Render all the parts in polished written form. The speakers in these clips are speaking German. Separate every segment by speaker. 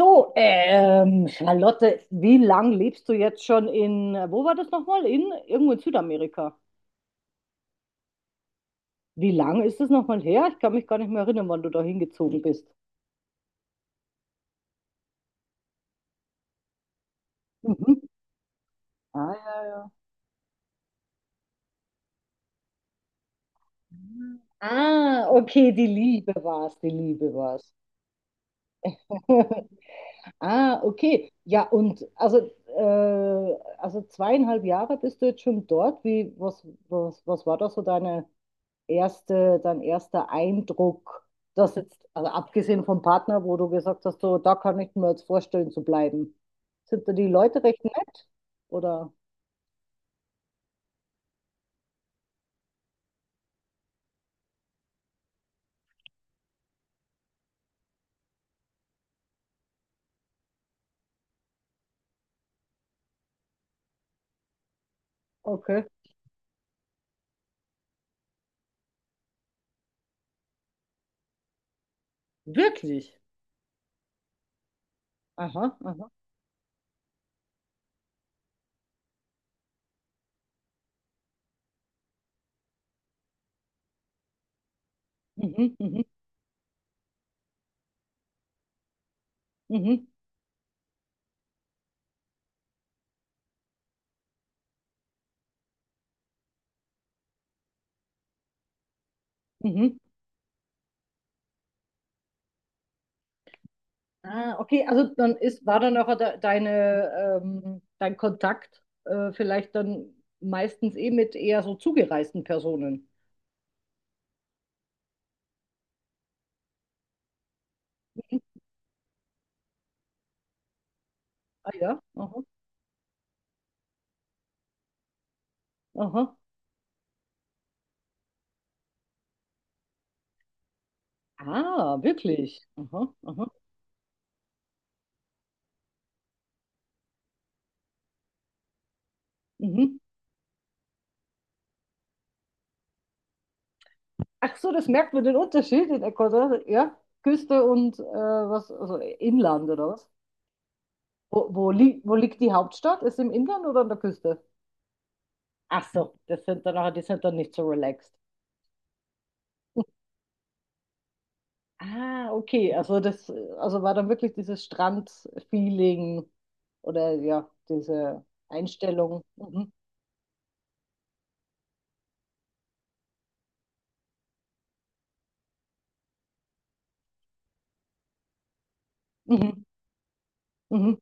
Speaker 1: Charlotte, wie lang lebst du jetzt schon wo war das nochmal? In irgendwo in Südamerika. Wie lang ist das nochmal her? Ich kann mich gar nicht mehr erinnern, wann du da hingezogen bist. Mhm. Ah, ja, ja. Ah, okay, die Liebe war's, die Liebe war's. Ah, okay. Ja, äh, also zweieinhalb Jahre bist du jetzt schon dort. Wie, was war da so deine erste, dein erster Eindruck, das jetzt, also abgesehen vom Partner, wo du gesagt hast, so, da kann ich mir jetzt vorstellen zu bleiben. Sind da die Leute recht nett? Oder? Okay. Wirklich? Aha, aha. Mhm, mhm, mhm, mhm. Ah, okay, also war dann auch de deine, dein Kontakt vielleicht dann meistens eh mit eher so zugereisten Personen. Ah ja, aha, aha. Ah, wirklich. Aha, aha. Mhm. Ach so, das merkt man den Unterschied in Ecuador, ja? Küste und also Inland oder was? Wo liegt die Hauptstadt? Ist im Inland oder an der Küste? Ach so, das sind dann, die sind dann nicht so relaxed. Ah, okay, also war dann wirklich dieses Strandfeeling oder ja, diese Einstellung. Mhm, mhm, mhm.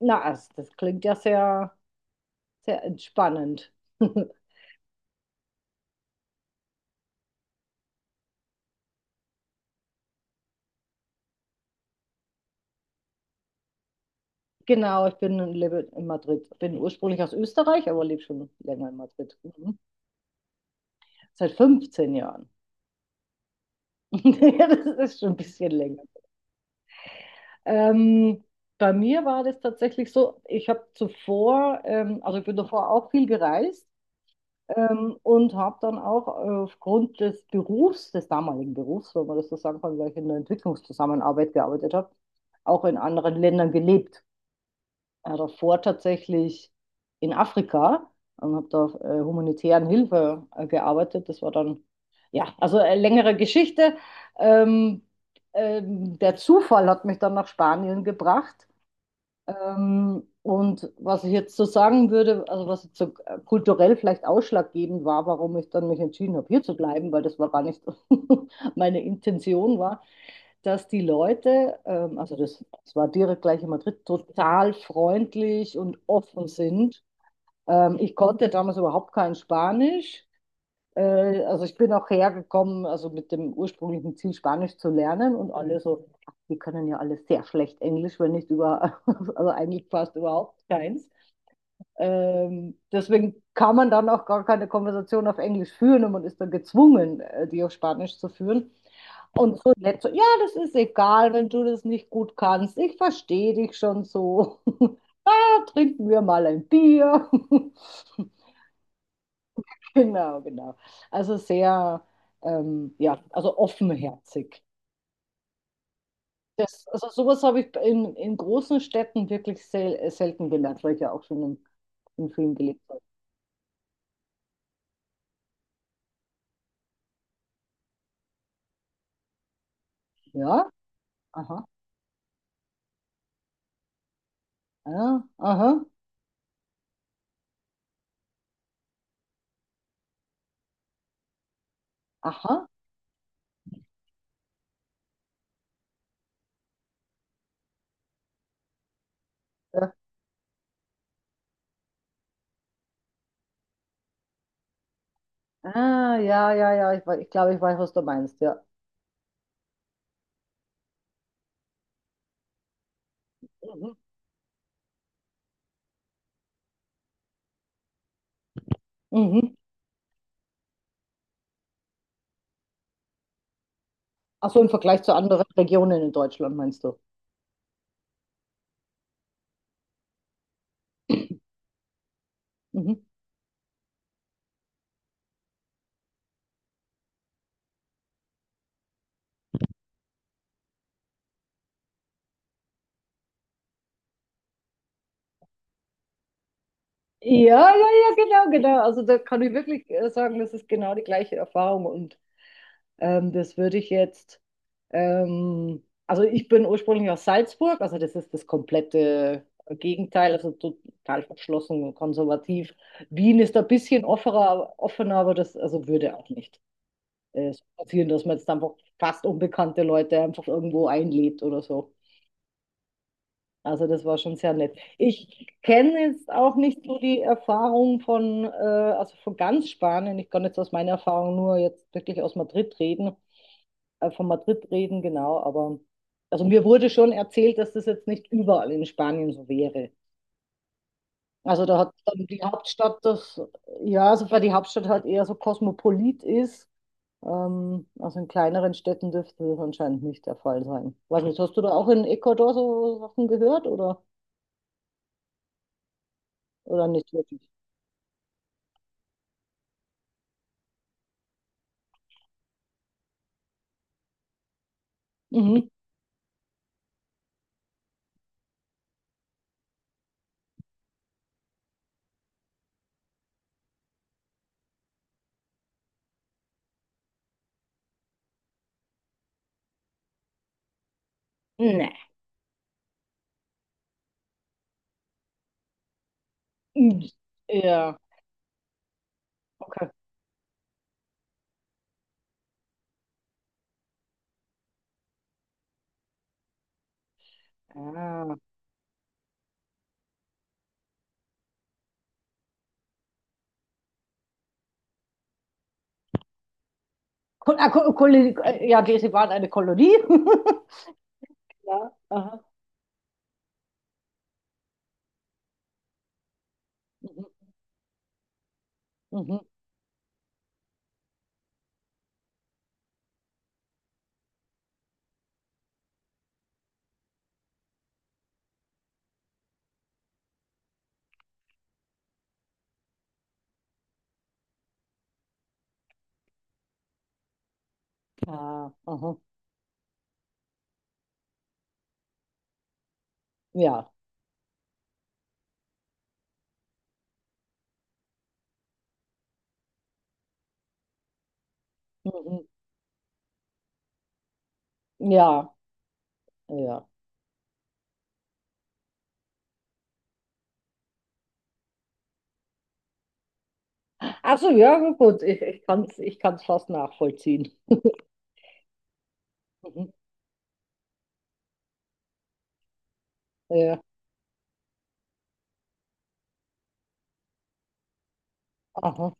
Speaker 1: Na, also das klingt ja sehr, sehr entspannend. Genau, ich bin und lebe in Madrid. Bin ursprünglich aus Österreich, aber lebe schon länger in Madrid. Mhm. Seit 15 Jahren. Ja, das ist schon ein bisschen länger. Ähm, bei mir war das tatsächlich so, ich habe zuvor, also ich bin davor auch viel gereist und habe dann auch aufgrund des Berufs, des damaligen Berufs, wenn man das so sagen kann, weil ich in der Entwicklungszusammenarbeit gearbeitet habe, auch in anderen Ländern gelebt. Davor tatsächlich in Afrika und habe da auf humanitären Hilfe gearbeitet. Das war dann, ja, also eine längere Geschichte. Ähm, Der Zufall hat mich dann nach Spanien gebracht. Und was ich jetzt so sagen würde, also was jetzt so kulturell vielleicht ausschlaggebend war, warum ich dann mich entschieden habe, hier zu bleiben, weil das war gar nicht meine Intention war, dass die Leute, das war direkt gleich in Madrid, total freundlich und offen sind. Ich konnte damals überhaupt kein Spanisch. Äh, also ich bin auch hergekommen, also mit dem ursprünglichen Ziel, Spanisch zu lernen und alle so, ach, die können ja alle sehr schlecht Englisch, wenn nicht über, also eigentlich fast überhaupt keins. Deswegen kann man dann auch gar keine Konversation auf Englisch führen und man ist dann gezwungen, die auf Spanisch zu führen. Und so nett so, ja, das ist egal, wenn du das nicht gut kannst. Ich verstehe dich schon so. Da trinken wir mal ein Bier. Genau, genau. Also sehr, ja, also offenherzig. Das, also sowas habe ich in großen Städten wirklich selten gelernt, weil ich ja auch schon in vielen gelebt habe. Ja, aha, ja, aha. Aha. Ja. Ah, ja, ja, ja. Ich glaube, ich weiß, was du meinst, ja. Mhm. Mhm. Ach so, im Vergleich zu anderen Regionen in Deutschland, meinst du? Mhm. Ja, ja, ja, genau, genau. Also da kann ich wirklich sagen, das ist genau die gleiche Erfahrung. Und das würde ich jetzt, also ich bin ursprünglich aus Salzburg, also das ist das komplette Gegenteil, also total verschlossen und konservativ. Wien ist ein bisschen offener, aber das also würde auch nicht. So passieren, dass man jetzt einfach fast unbekannte Leute einfach irgendwo einlädt oder so. Also das war schon sehr nett. Ich kenne jetzt auch nicht so die Erfahrung von, also von ganz Spanien. Ich kann jetzt aus meiner Erfahrung nur jetzt wirklich aus Madrid reden, von Madrid reden, genau. Aber also mir wurde schon erzählt, dass das jetzt nicht überall in Spanien so wäre. Also da hat dann die Hauptstadt das, ja, also weil die Hauptstadt halt eher so kosmopolit ist. Also in kleineren Städten dürfte das anscheinend nicht der Fall sein. Weiß nicht, hast du da auch in Ecuador so Sachen gehört oder nicht wirklich? Mhm. Nee. Mhm. Ja, okay. Ah. Kolonie, ja, die, sie waren eine Kolonie. Ja, aha. Mhm. Mhm. Ah, aha. Ja. Mhm. Ja, ja. Ach so, ja, gut, ich kann es ich kann's fast nachvollziehen. Mhm. Ja, aha.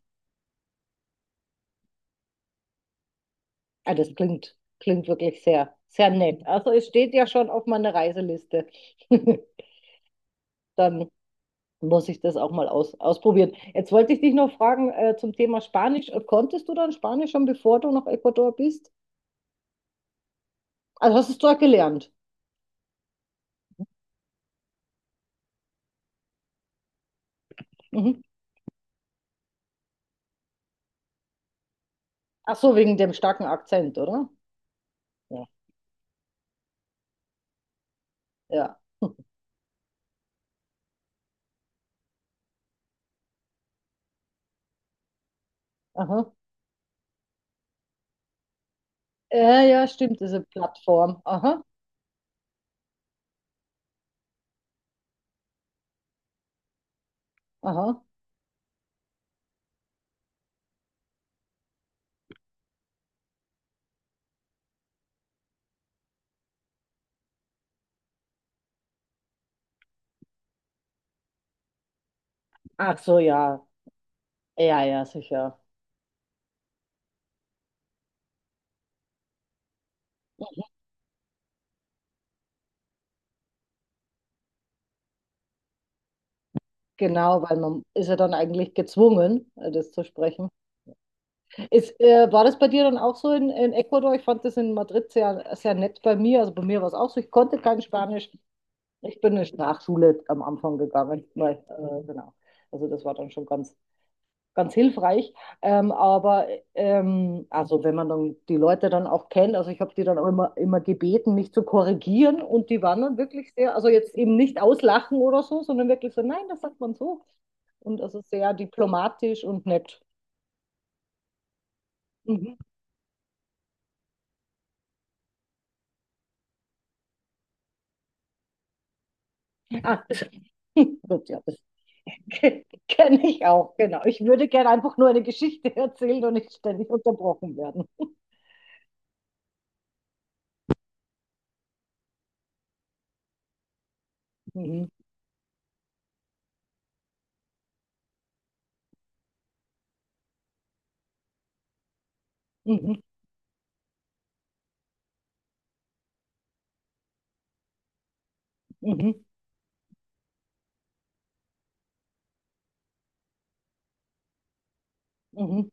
Speaker 1: Ah, das klingt, klingt wirklich sehr, sehr nett. Also es steht ja schon auf meiner Reiseliste. Dann muss ich das auch mal ausprobieren. Jetzt wollte ich dich noch fragen zum Thema Spanisch. Konntest du dann Spanisch schon, bevor du nach Ecuador bist? Also hast du es dort gelernt? Mhm. Ach so, wegen dem starken Akzent, oder? Ja. Ja, aha. Ja, ja, stimmt, diese Plattform. Aha, aha. Ach so, ja. Ja, ja, sicher. Genau, weil man ist ja dann eigentlich gezwungen, das zu sprechen. Ist, war das bei dir dann auch in Ecuador? Ich fand das in Madrid sehr, sehr nett bei mir. Also bei mir war es auch so. Ich konnte kein Spanisch. Ich bin in eine Sprachschule am Anfang gegangen. Weil, genau. Also das war dann schon ganz, ganz hilfreich. Ähm, aber also wenn man dann die Leute dann auch kennt, also ich habe die dann auch immer gebeten, mich zu korrigieren. Und die waren dann wirklich sehr, also jetzt eben nicht auslachen oder so, sondern wirklich so, nein, das sagt man so. Und also sehr diplomatisch und nett. Mhm. Ah, gut, ja, das Kenne ich auch, genau. Ich würde gerne einfach nur eine Geschichte erzählen und nicht ständig unterbrochen werden. Mhm. Mhm. Mhm. Mhm.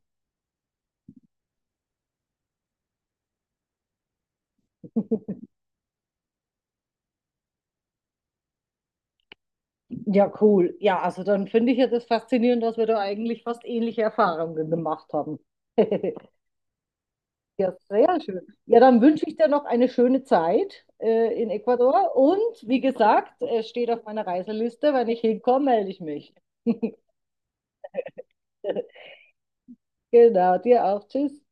Speaker 1: Ja, cool. Ja, also dann finde ich ja das faszinierend, dass wir da eigentlich fast ähnliche Erfahrungen gemacht haben. Ja, sehr schön. Ja, dann wünsche ich dir noch eine schöne Zeit in Ecuador und wie gesagt, es steht auf meiner Reiseliste. Wenn ich hinkomme, melde ich mich. Genau, dir auch. Tschüss.